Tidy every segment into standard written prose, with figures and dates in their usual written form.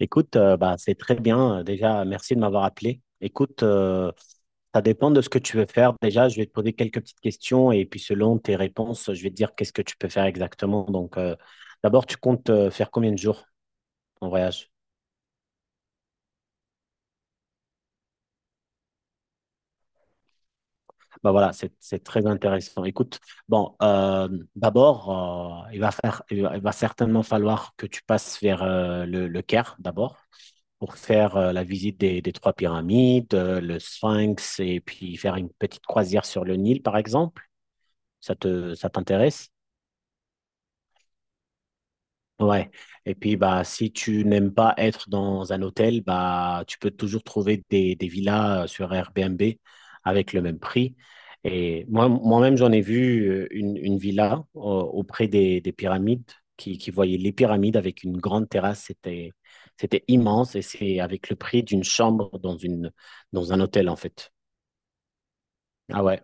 Écoute, bah, c'est très bien. Déjà, merci de m'avoir appelé. Écoute, ça dépend de ce que tu veux faire. Déjà, je vais te poser quelques petites questions et puis selon tes réponses, je vais te dire qu'est-ce que tu peux faire exactement. Donc, d'abord, tu comptes faire combien de jours en voyage? Bah voilà, c'est très intéressant. Écoute, bon, d'abord, il va faire, il va certainement falloir que tu passes vers le Caire d'abord. Pour faire la visite des trois pyramides, le Sphinx, et puis faire une petite croisière sur le Nil, par exemple. Ça t'intéresse? Ouais. Et puis, bah, si tu n'aimes pas être dans un hôtel, bah, tu peux toujours trouver des villas sur Airbnb avec le même prix. Et moi, moi-même, j'en ai vu une villa auprès des pyramides qui voyait les pyramides avec une grande terrasse. C'était immense et c'est avec le prix d'une chambre dans un hôtel, en fait. Ah ouais.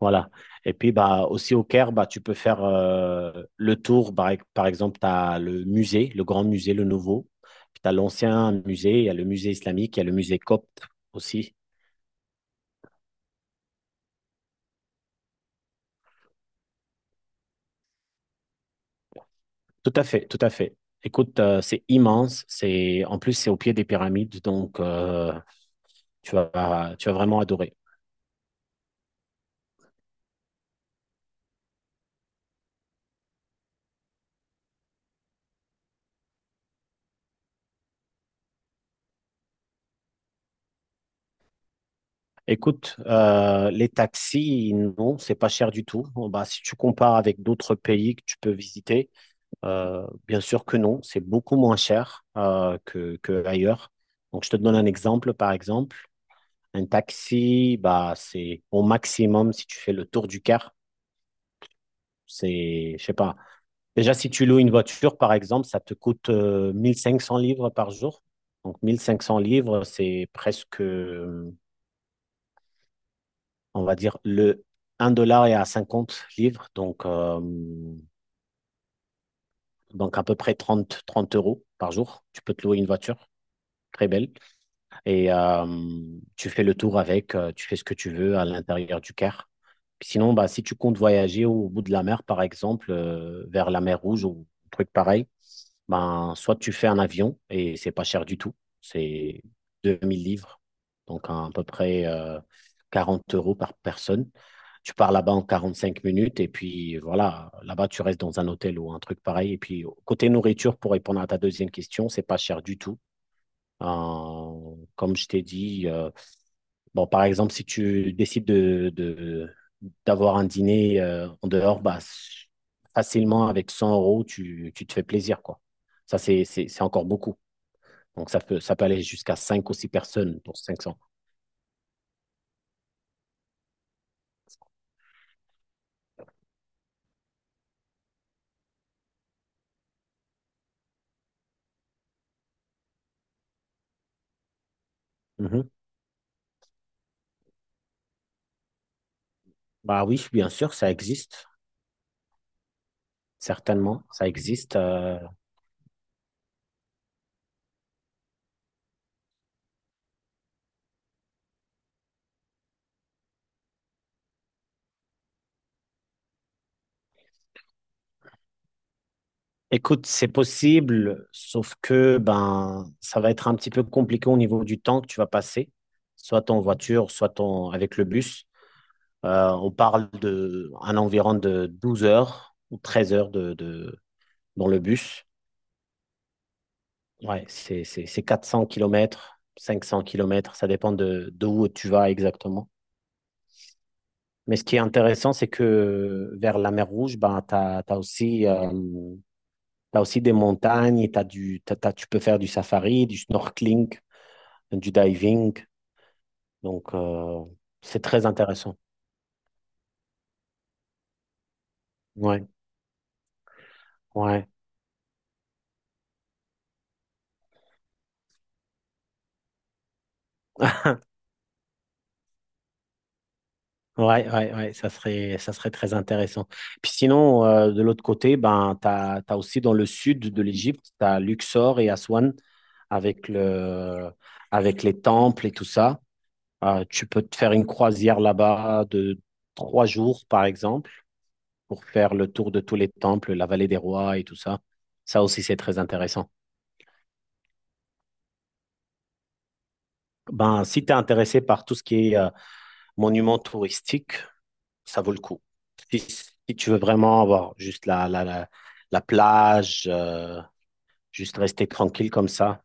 Voilà. Et puis bah aussi au Caire, bah tu peux faire le tour. Par exemple, tu as le musée, le grand musée, le nouveau. Puis tu as l'ancien musée, il y a le musée islamique, il y a le musée copte aussi. Tout à fait, tout à fait. Écoute, c'est immense. C'est en plus c'est au pied des pyramides, donc tu vas vraiment adorer. Écoute, les taxis, non, c'est pas cher du tout. Bon, bah, si tu compares avec d'autres pays que tu peux visiter, bien sûr que non, c'est beaucoup moins cher que ailleurs. Donc, je te donne un exemple, par exemple, un taxi, bah, c'est au maximum si tu fais le tour du Caire, c'est, je sais pas. Déjà, si tu loues une voiture, par exemple, ça te coûte 1 500 livres par jour. Donc, 1 500 livres, c'est presque on va dire, le un dollar est à 50 livres, donc à peu près trente euros par jour. Tu peux te louer une voiture très belle et tu fais le tour avec, tu fais ce que tu veux à l'intérieur du Caire. Puis sinon, bah, si tu comptes voyager au bout de la mer, par exemple, vers la mer Rouge ou un truc pareil, ben, soit tu fais un avion et c'est pas cher du tout, c'est 2 000 livres, donc à peu près 40 € par personne. Tu pars là-bas en 45 minutes et puis voilà, là-bas tu restes dans un hôtel ou un truc pareil. Et puis côté nourriture, pour répondre à ta deuxième question, c'est pas cher du tout. Comme je t'ai dit, bon, par exemple, si tu décides d'avoir un dîner en dehors, bah, facilement avec 100 euros, tu te fais plaisir, quoi. Ça, c'est encore beaucoup. Donc, ça peut aller jusqu'à cinq ou six personnes pour 500. Mhm. Bah oui, bien sûr, ça existe. Certainement, ça existe. Écoute, c'est possible, sauf que ben ça va être un petit peu compliqué au niveau du temps que tu vas passer, soit en voiture, avec le bus. On parle de un environ de 12 heures ou 13 heures dans le bus. Ouais, c'est 400 kilomètres, 500 kilomètres, ça dépend de où tu vas exactement. Mais ce qui est intéressant, c'est que vers la mer Rouge, ben, t'as aussi des montagnes, et t'as du, t'as- t'as- tu peux faire du safari, du snorkeling. Du diving. Donc, c'est très intéressant. Ouais, ouais. Ouais, ouais, ouais, ça serait très intéressant. Puis sinon, de l'autre côté, ben, tu as aussi dans le sud de l'Égypte, tu as Luxor et Aswan avec le, avec les temples et tout ça. Tu peux te faire une croisière là-bas de 3 jours, par exemple, pour faire le tour de tous les temples, la vallée des rois et tout ça. Ça aussi, c'est très intéressant. Ben, si tu es intéressé par tout ce qui est monuments touristiques, ça vaut le coup. Si tu veux vraiment avoir juste la plage, juste rester tranquille comme ça.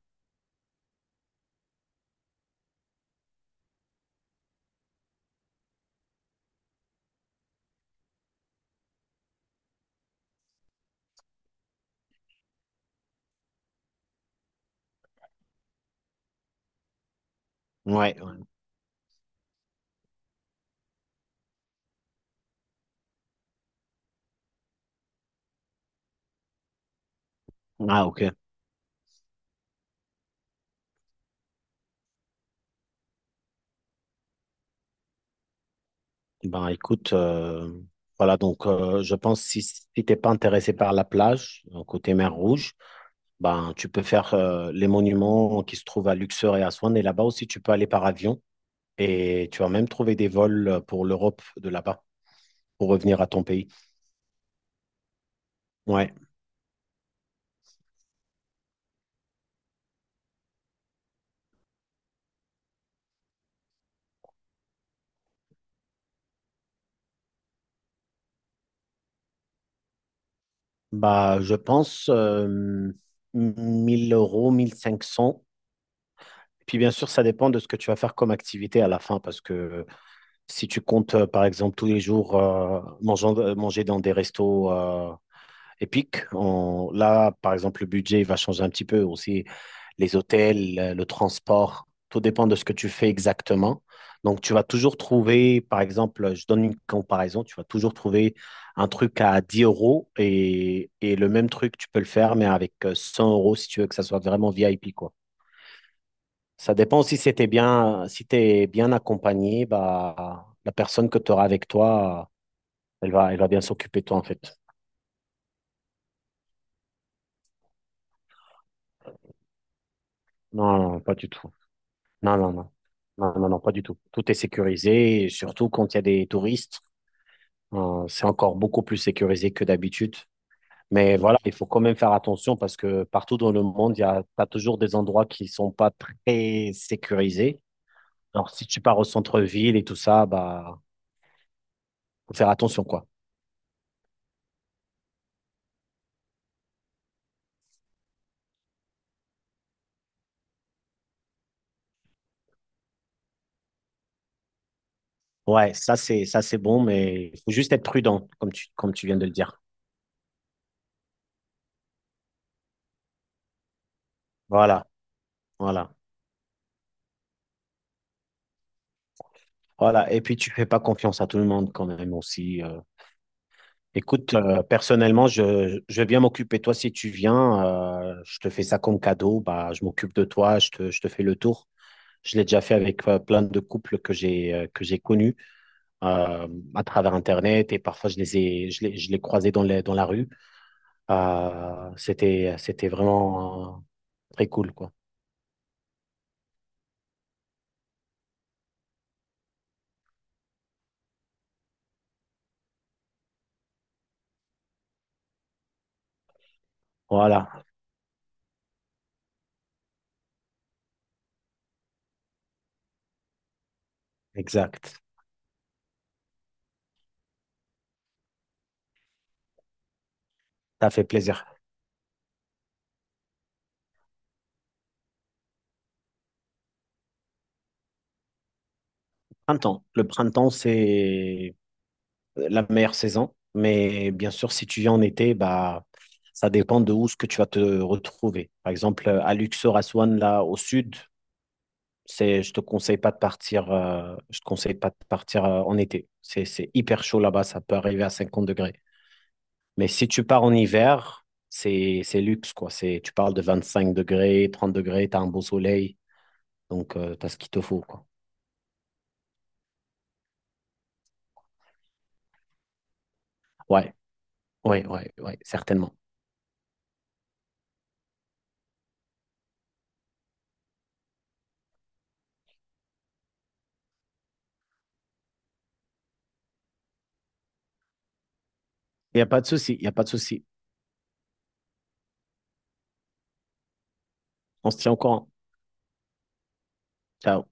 Ouais. Ouais. Ah, ok. Ben, écoute, voilà, donc je pense si tu n'es pas intéressé par la plage, côté mer Rouge, ben, tu peux faire les monuments qui se trouvent à Luxor et à Swan. Et là-bas aussi, tu peux aller par avion et tu vas même trouver des vols pour l'Europe de là-bas pour revenir à ton pays. Ouais. Bah, je pense 1000 euros, 1 500. Puis bien sûr, ça dépend de ce que tu vas faire comme activité à la fin, parce que si tu comptes, par exemple, tous les jours manger dans des restos épique. Là, par exemple, le budget il va changer un petit peu aussi. Les hôtels, le transport, tout dépend de ce que tu fais exactement. Donc, tu vas toujours trouver, par exemple, je donne une comparaison, tu vas toujours trouver un truc à 10 € et le même truc, tu peux le faire, mais avec 100 € si tu veux que ça soit vraiment VIP, quoi. Ça dépend si c'était bien, si t'es bien accompagné, bah, la personne que tu auras avec toi, elle va bien s'occuper de toi, en fait. Non, non, pas du tout. Non, non, non. Non, non, non, pas du tout. Tout est sécurisé, et surtout quand il y a des touristes. C'est encore beaucoup plus sécurisé que d'habitude. Mais voilà, il faut quand même faire attention parce que partout dans le monde, t'as toujours des endroits qui sont pas très sécurisés. Alors, si tu pars au centre-ville et tout ça, bah, faut faire attention, quoi. Ouais, ça, c'est bon, mais il faut juste être prudent, comme tu viens de le dire. Voilà, voilà, voilà. Et puis, tu fais pas confiance à tout le monde quand même aussi. Écoute, personnellement, je vais bien m'occuper de toi si tu viens. Je te fais ça comme cadeau. Bah, je m'occupe de toi, je te fais le tour. Je l'ai déjà fait avec plein de couples que j'ai connus euh, à travers Internet et parfois je les croisais dans la rue. C'était vraiment très cool, quoi. Voilà, exact. Ça fait plaisir. Printemps. Le printemps, c'est la meilleure saison. Mais bien sûr, si tu viens en été, bah, ça dépend de où ce que tu vas te retrouver. Par exemple, à Luxor, à Swan, là, au sud, je te conseille pas de partir en été. C'est hyper chaud là-bas, ça peut arriver à 50 degrés. Mais si tu pars en hiver, c'est luxe, quoi. C'est, tu parles de 25 degrés, 30 degrés, tu as un beau soleil, donc tu as ce qu'il te faut, quoi. Ouais, ouais, ouais, ouais, certainement. Il n'y a pas de souci, il n'y a pas de souci. On se tient au courant. Ciao.